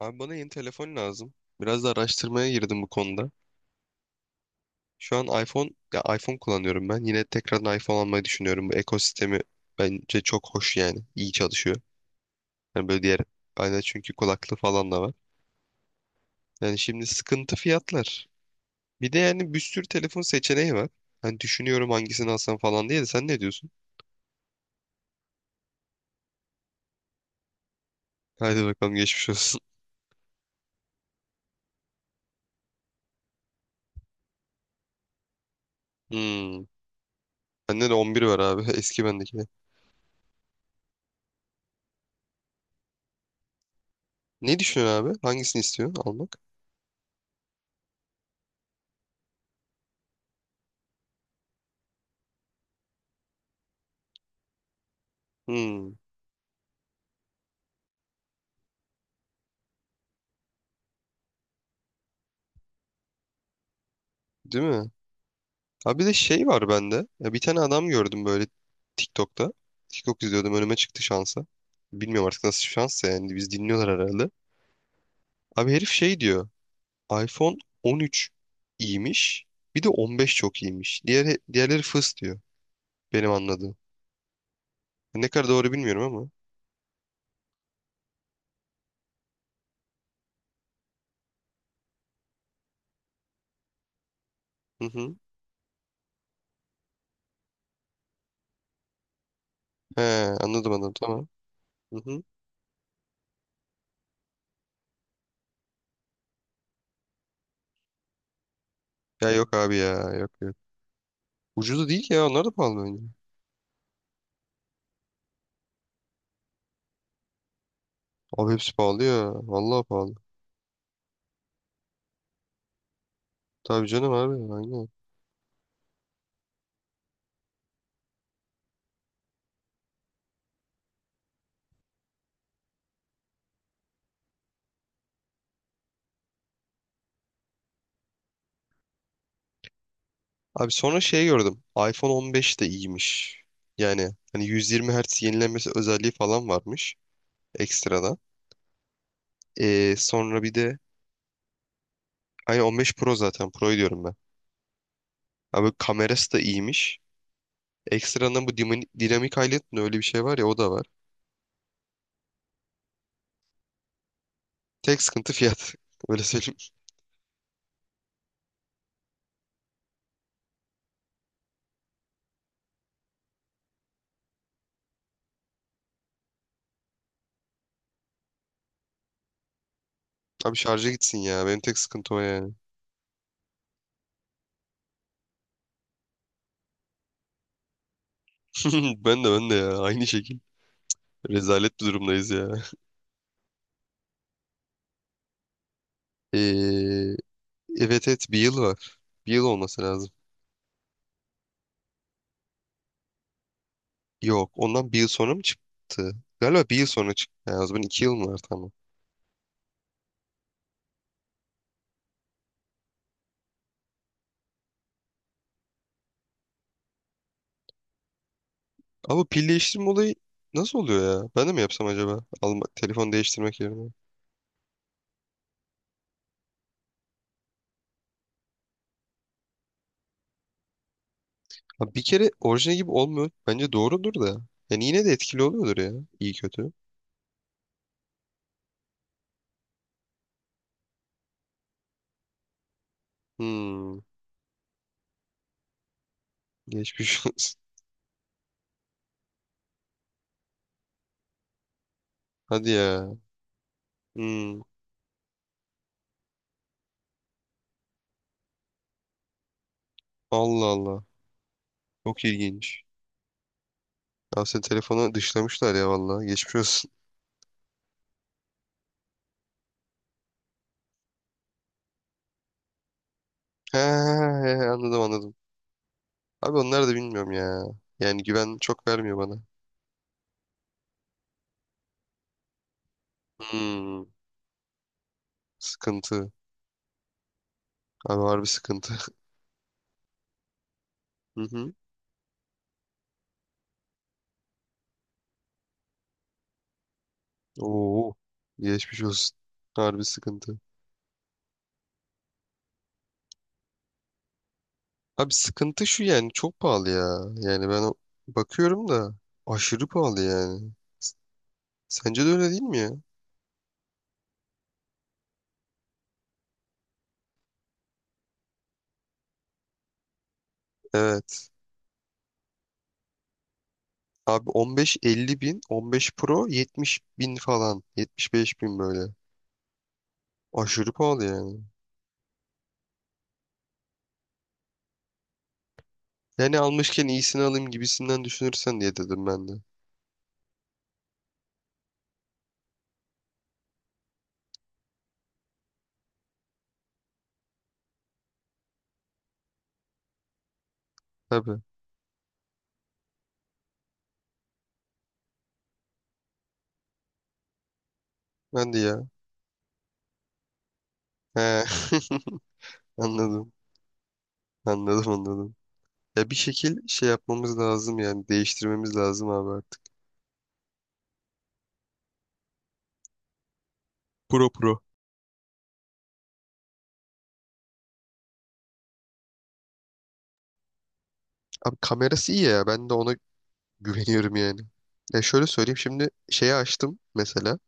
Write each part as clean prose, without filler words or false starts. Abi bana yeni telefon lazım. Biraz da araştırmaya girdim bu konuda. Şu an iPhone, ya iPhone kullanıyorum ben. Yine tekrardan iPhone almayı düşünüyorum. Bu ekosistemi bence çok hoş yani. İyi çalışıyor. Yani böyle diğer aynen çünkü kulaklığı falan da var. Yani şimdi sıkıntı fiyatlar. Bir de yani bir sürü telefon seçeneği var. Hani düşünüyorum hangisini alsam falan diye de sen ne diyorsun? Haydi bakalım geçmiş olsun. Hmm. Bende de 11 var abi. Eski bendeki. Ne düşünüyorsun abi? Hangisini istiyorsun almak? Hmm. Değil mi? Abi bir de şey var bende. Ya bir tane adam gördüm böyle TikTok'ta. TikTok izliyordum önüme çıktı şansa. Bilmiyorum artık nasıl şansa yani biz dinliyorlar herhalde. Abi herif şey diyor. iPhone 13 iyiymiş. Bir de 15 çok iyiymiş. Diğerleri fıs diyor. Benim anladığım. Ne kadar doğru bilmiyorum ama. Hı hı. He, anladım anladım, tamam. Hı hı. Ya yok abi, ya yok yok. Ucuzu değil ki ya, onlar da pahalı bence. Abi hepsi pahalı ya. Vallahi pahalı. Tabii canım abi, aynen. Abi sonra şey gördüm. iPhone 15 de iyiymiş. Yani hani 120 Hz yenilenmesi özelliği falan varmış ekstradan. Sonra bir de aynı 15 Pro, zaten Pro'yu diyorum ben. Abi kamerası da iyiymiş. Ekstradan bu dinamik highlight mi öyle bir şey var ya, o da var. Tek sıkıntı fiyat. Öyle söyleyeyim. Abi şarja gitsin ya. Benim tek sıkıntı o yani. Ben de, ben de ya. Aynı şekil. Rezalet bir durumdayız ya. Ee, evet bir yıl var. Bir yıl olması lazım. Yok. Ondan bir yıl sonra mı çıktı? Galiba bir yıl sonra çıktı. Yani o zaman iki yıl mı var, tamam. Ama pil değiştirme olayı nasıl oluyor ya? Ben de mi yapsam acaba? Alma, telefon değiştirmek yerine. Ha, bir kere orijinal gibi olmuyor. Bence doğrudur da. Yani yine de etkili oluyordur ya. İyi kötü. Hmm. Geçmiş olsun. Hadi ya. Hmm. Allah Allah. Çok ilginç. Ya sen, telefonu dışlamışlar ya vallahi. Geçmiş olsun. He, he, he, anladım anladım. Abi onlar da bilmiyorum ya. Yani güven çok vermiyor bana. Hmm. Sıkıntı. Abi harbi sıkıntı. Hı hı. Oo. Geçmiş olsun. Harbi sıkıntı. Abi sıkıntı şu yani, çok pahalı ya. Yani bakıyorum da aşırı pahalı yani. Sence de öyle değil mi ya? Evet. Abi 15-50 bin, 15 Pro 70 bin falan. 75 bin böyle. Aşırı pahalı yani. Yani almışken iyisini alayım gibisinden düşünürsen diye dedim ben de. Tabii. Ben de ya. He. Anladım. Anladım anladım. Ya bir şekil şey yapmamız lazım, yani değiştirmemiz lazım abi artık. Pro, pro. Abi kamerası iyi ya, ben de ona güveniyorum yani. Ya şöyle söyleyeyim, şimdi şeyi açtım mesela,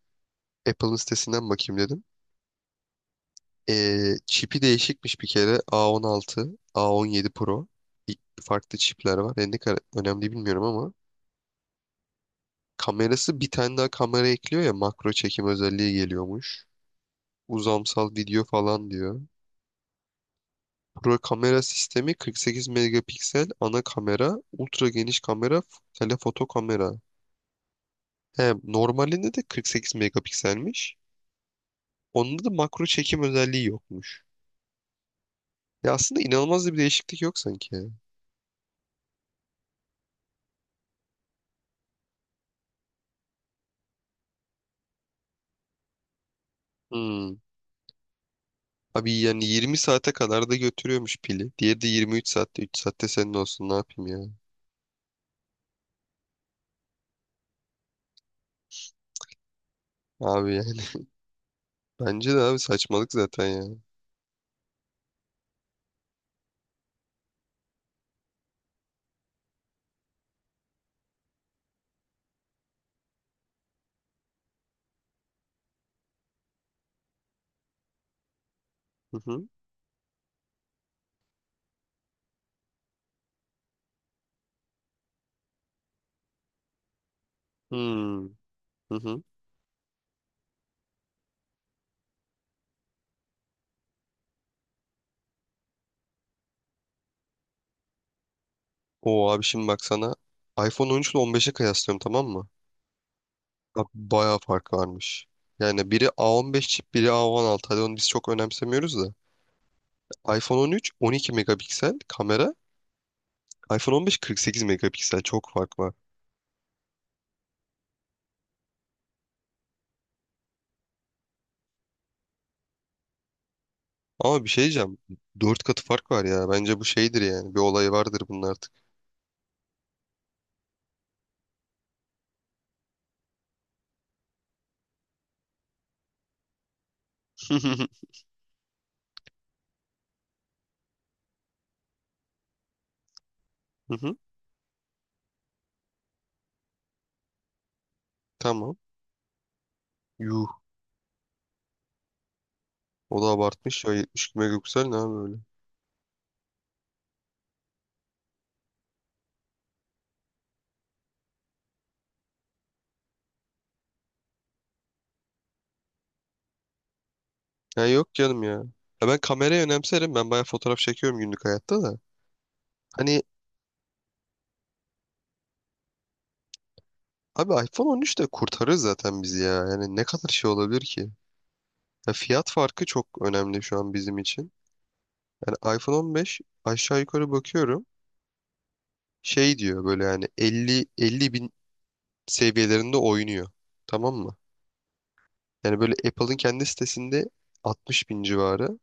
Apple'ın sitesinden bakayım dedim. Çipi değişikmiş bir kere, A16, A17 Pro. Bir- Farklı çipler var. Yani ne kadar önemli bilmiyorum ama. Kamerası bir tane daha kamera ekliyor ya, makro çekim özelliği geliyormuş. Uzamsal video falan diyor. Pro kamera sistemi 48 megapiksel ana kamera, ultra geniş kamera, telefoto kamera. He, normalinde de 48 megapikselmiş. Onda da makro çekim özelliği yokmuş. Ya aslında inanılmaz da bir değişiklik yok sanki ya. Hmm. Abi yani 20 saate kadar da götürüyormuş pili. Diğeri de 23 saatte. 3 saatte senin olsun, ne yapayım ya. Abi yani. Bence de abi saçmalık zaten ya. Hı hı. Hmm. Hı hı. Oo abi, şimdi bak sana iPhone 13 ile 15'e kıyaslıyorum, tamam mı? Abi bayağı fark varmış. Yani biri A15 çip, biri A16. Hadi onu biz çok önemsemiyoruz da. iPhone 13 12 megapiksel kamera. iPhone 15 48 megapiksel. Çok fark var. Ama bir şey diyeceğim, dört katı fark var ya. Bence bu şeydir yani. Bir olay vardır bunun artık. Hı hı. Tamam. Yuh. O da abartmış ya. 72 megapiksel ne abi öyle. Ya yok canım ya. Ya ben kamerayı önemserim. Ben bayağı fotoğraf çekiyorum günlük hayatta da. Hani abi iPhone 13 de kurtarır zaten bizi ya. Yani ne kadar şey olabilir ki? Ya fiyat farkı çok önemli şu an bizim için. Yani iPhone 15 aşağı yukarı bakıyorum. Şey diyor böyle, yani elli bin seviyelerinde oynuyor. Tamam mı? Yani böyle Apple'ın kendi sitesinde 60 bin civarı.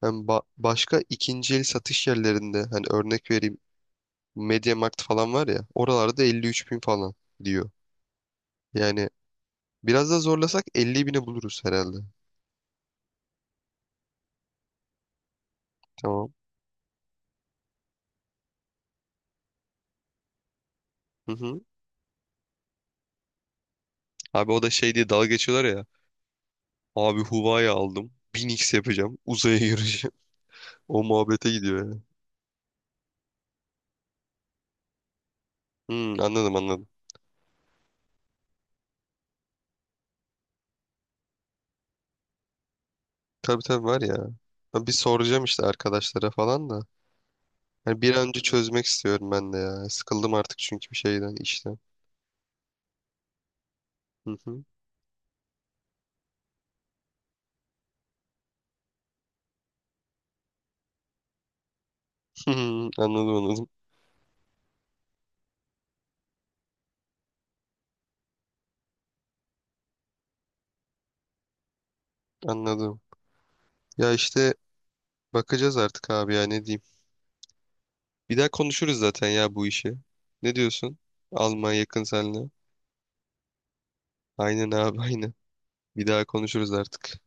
Hem başka ikinci el satış yerlerinde, hani örnek vereyim, MediaMarkt falan var ya, oralarda 53 bin falan diyor. Yani biraz da zorlasak 50 bine buluruz herhalde. Tamam. Hı hı. Abi o da şey diye dalga geçiyorlar ya. Abi Huawei aldım. 1000x yapacağım. Uzaya gireceğim. O muhabbete gidiyor ya. Hmm, anladım anladım. Tabii tabii var ya. Ben bir soracağım işte arkadaşlara falan da. Hani bir an önce çözmek istiyorum ben de ya. Sıkıldım artık çünkü bir şeyden, işten. Hı hı. Anladım anladım. Anladım. Ya işte bakacağız artık abi ya, ne diyeyim. Bir daha konuşuruz zaten ya bu işi. Ne diyorsun? Almanya yakın seninle. Aynen abi, aynen. Bir daha konuşuruz artık.